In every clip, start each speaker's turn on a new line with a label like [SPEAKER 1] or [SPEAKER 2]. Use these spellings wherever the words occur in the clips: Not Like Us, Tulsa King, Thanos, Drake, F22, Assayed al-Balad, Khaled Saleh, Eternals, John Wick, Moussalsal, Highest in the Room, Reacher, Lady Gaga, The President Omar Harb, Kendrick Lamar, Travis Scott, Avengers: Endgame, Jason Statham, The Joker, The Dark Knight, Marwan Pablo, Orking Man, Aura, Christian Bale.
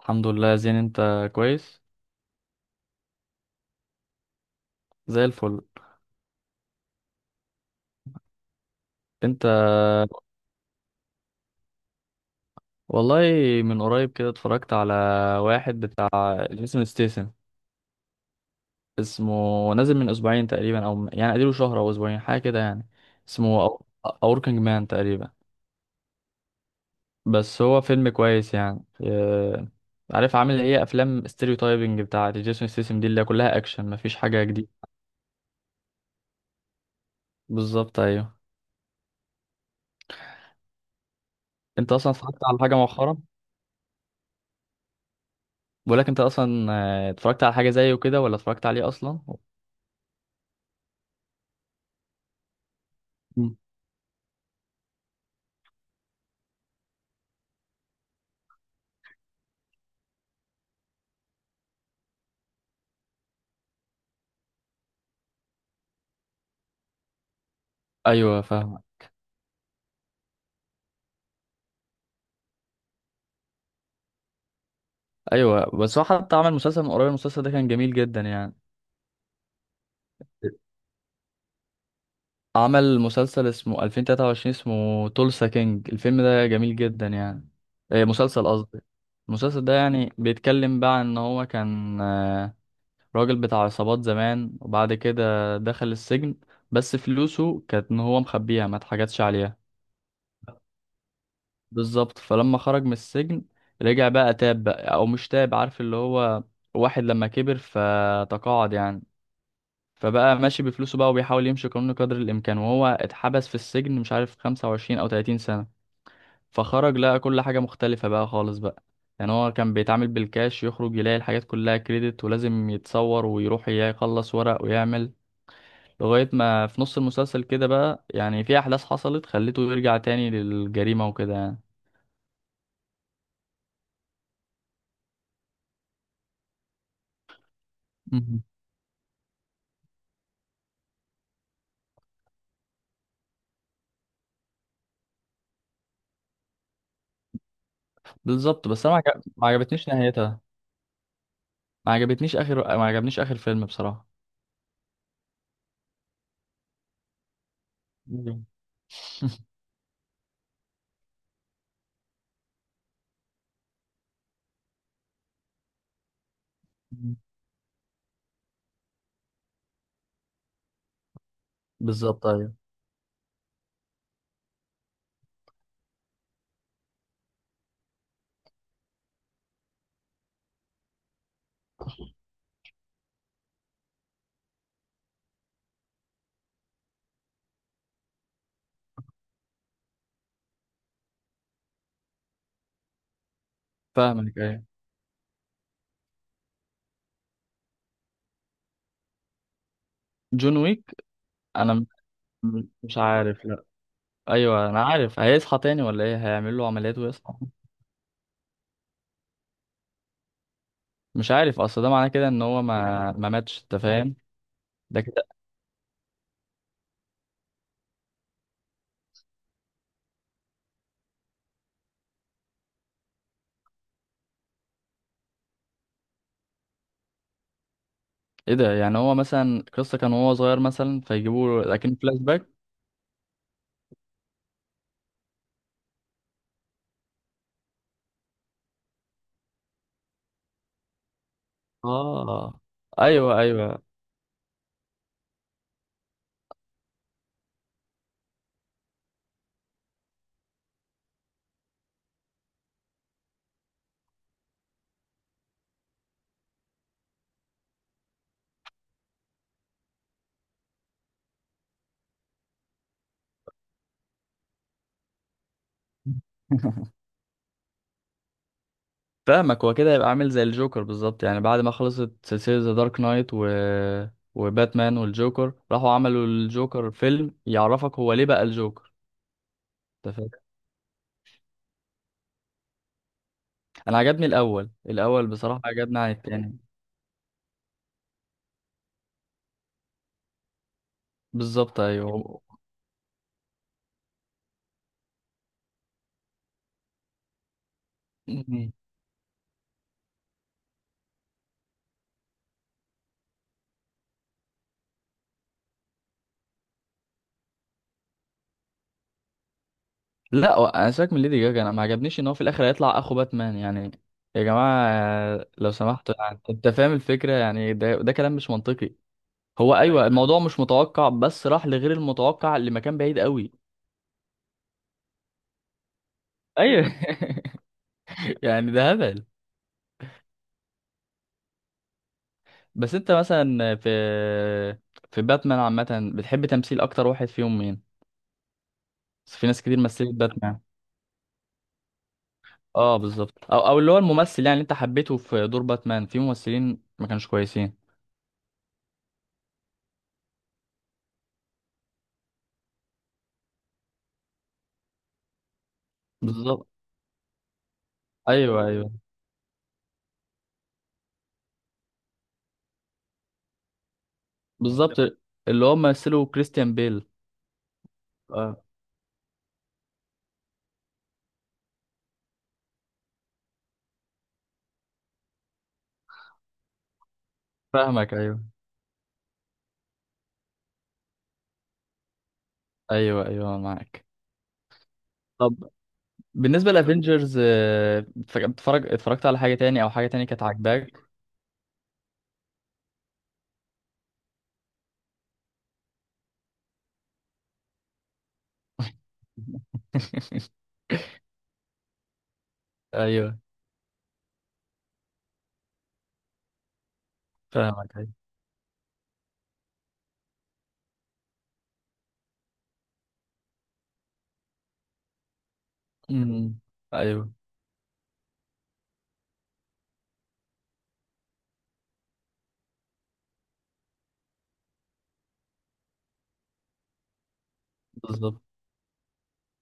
[SPEAKER 1] الحمد لله يا زين انت كويس. زي الفل. انت والله، من قريب كده اتفرجت على واحد بتاع جيسون ستيسن اسمه، نازل من اسبوعين تقريبا او يعني اديله شهر او اسبوعين حاجه كده يعني. اسمه اوركينج مان تقريبا. بس هو فيلم كويس يعني. اه، عارف عامل ايه افلام ستيريوتايبنج بتاع جيسون ستيسن دي اللي هي كلها اكشن مفيش حاجه جديده. بالظبط ايوه. انت اصلا اتفرجت على حاجه مؤخرا؟ بقولك انت اصلا اتفرجت على حاجه زيه كده ولا اتفرجت عليه اصلا؟ ايوه فاهم. ايوه بس هو حتى عمل مسلسل من قريب، المسلسل ده كان جميل جدا يعني. عمل مسلسل اسمه 2023، اسمه تولسا كينج، الفيلم ده جميل جدا يعني. إيه، مسلسل قصدي. المسلسل ده يعني بيتكلم بقى ان هو كان راجل بتاع عصابات زمان وبعد كده دخل السجن. بس فلوسه كانت ان هو مخبيها ما اتحاجتش عليها. بالظبط. فلما خرج من السجن رجع بقى، تاب بقى او مش تاب، عارف اللي هو واحد لما كبر فتقاعد يعني. فبقى ماشي بفلوسه بقى وبيحاول يمشي قانون قدر الإمكان، وهو اتحبس في السجن مش عارف 25 أو 30 سنة. فخرج لقى كل حاجة مختلفة بقى خالص بقى. يعني هو كان بيتعامل بالكاش، يخرج يلاقي الحاجات كلها كريدت ولازم يتصور ويروح يخلص ورق ويعمل. لغاية ما في نص المسلسل كده بقى يعني في أحداث حصلت خلته يرجع تاني للجريمة وكده يعني. مم. بالظبط بس أنا ما عجبتنيش نهايتها. ما عجبتنيش آخر، ما عجبنيش آخر فيلم بصراحة. أيوة. مم. بالظبط أيوة. فاهمك أيوة. جون ويك انا م- م- مش عارف لا. ايوه انا عارف، هيصحى تاني ولا ايه؟ هيعمل له عمليات ويصحى؟ مش عارف، اصل ده معناه كده ان هو ما ماتش، انت فاهم؟ ده كده. ايه ده؟ يعني هو مثلا القصه كان وهو صغير مثلا، فيجيبوا له لكن فلاش باك. اه ايوه ايوه. فاهمك. هو كده هيبقى عامل زي الجوكر بالظبط، يعني بعد ما خلصت سلسله ذا دارك نايت و وباتمان والجوكر، راحوا عملوا الجوكر فيلم يعرفك هو ليه بقى الجوكر. انت. انا عجبني الاول، الاول بصراحه عجبني عن التاني. بالظبط ايوه. مم. لا هو انا ساك من ليدي جاجا، انا ما عجبنيش ان هو في الاخر هيطلع اخو باتمان يعني. يا جماعه لو سمحتوا يعني، انت فاهم الفكره يعني، ده كلام مش منطقي. هو ايوه ايوه، الموضوع مش متوقع بس راح لغير المتوقع لمكان بعيد قوي. ايوه. يعني ده هبل. بس انت مثلا في باتمان عامه، بتحب تمثيل اكتر واحد فيهم مين؟ في ناس كتير مثلت باتمان. اه بالظبط، او اللي هو الممثل يعني، اللي انت حبيته في دور باتمان، في ممثلين ما كانوش كويسين. بالظبط. ايوه ايوه. بالظبط. اللي هو مثله كريستيان بيل. اه فاهمك ايوه. ايوه ايوه معاك. طب بالنسبه لافنجرز، اتفرجت على حاجه تاني او حاجه تاني كانت عاجباك؟ ايوه فاهمك ايوه. امم. ايوه بالظبط.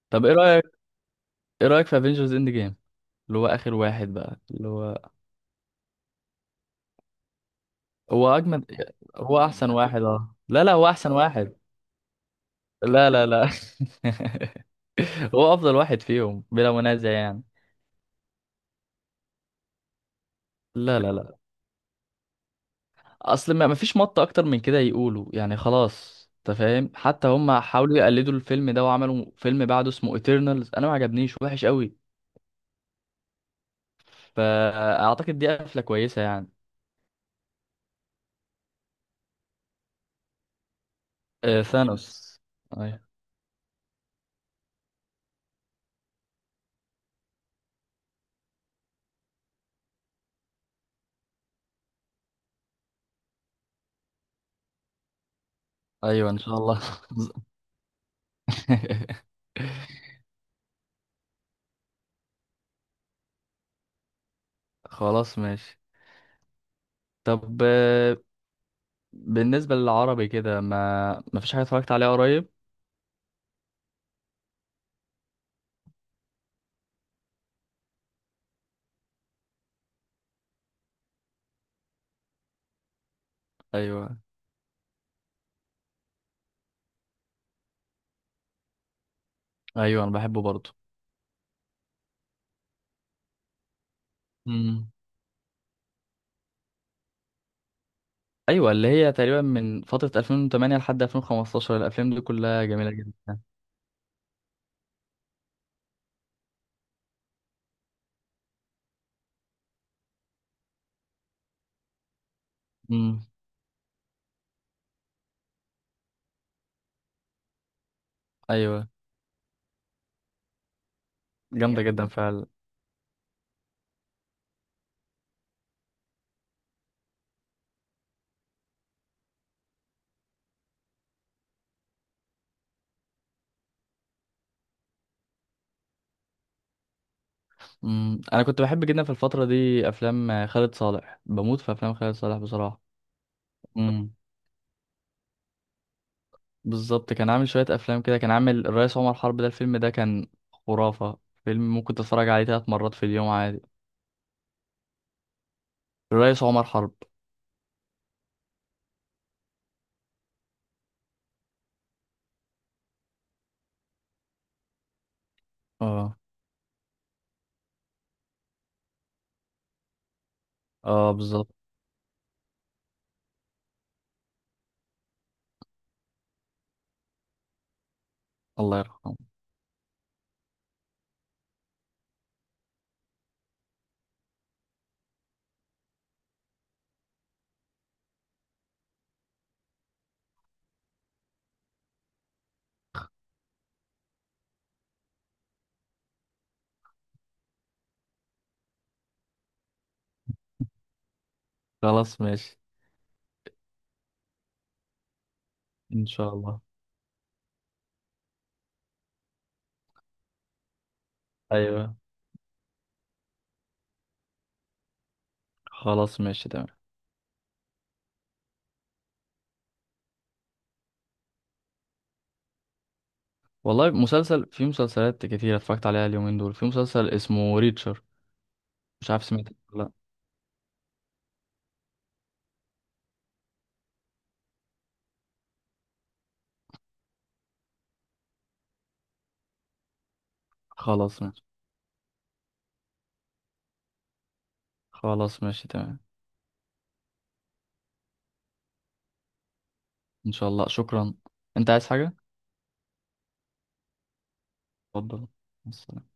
[SPEAKER 1] طب ايه رايك، ايه رايك في افنجرز اند جيم، اللي هو اخر واحد بقى اللي هو. هو اجمد. هو احسن واحد، اه لا لا، هو احسن واحد. لا لا لا. هو افضل واحد فيهم بلا منازع يعني. لا لا لا. اصل ما فيش مط اكتر من كده يقولوا يعني، خلاص انت فاهم، حتى هم حاولوا يقلدوا الفيلم ده وعملوا فيلم بعده اسمه ايترنالز انا ما عجبنيش، وحش قوي. فاعتقد دي قفله كويسه يعني. آه ثانوس. أيوة. ايوه ان شاء الله. خلاص ماشي. طب بالنسبة للعربي كده، ما فيش حاجة اتفرجت عليها قريب. ايوه ايوه انا بحبه برضه. امم. ايوه، اللي هي تقريبا من فترة 2008 لحد 2015، الافلام دي كلها جميلة جدا. امم. ايوه. جامدة جدا فعلا. امم. انا كنت بحب جدا في الفترة دي افلام خالد صالح، بموت في افلام خالد صالح بصراحة. امم. بالظبط، كان عامل شوية افلام كده، كان عامل الرئيس عمر حرب، ده الفيلم ده كان خرافة. فيلم ممكن تتفرج عليه ثلاث مرات في اليوم عادي. الرئيس عمر حرب. اه. اه. الله يرحمه. خلاص ماشي. ان شاء الله. ايوه. خلاص ماشي تمام. والله مسلسل، في مسلسلات كتير اتفرجت عليها اليومين دول، في مسلسل اسمه ريتشر. مش عارف سمعت ولا لا. خلاص ماشي. خلاص ماشي تمام. ان شاء الله شكرا. انت عايز حاجة؟ اتفضل مع السلامة.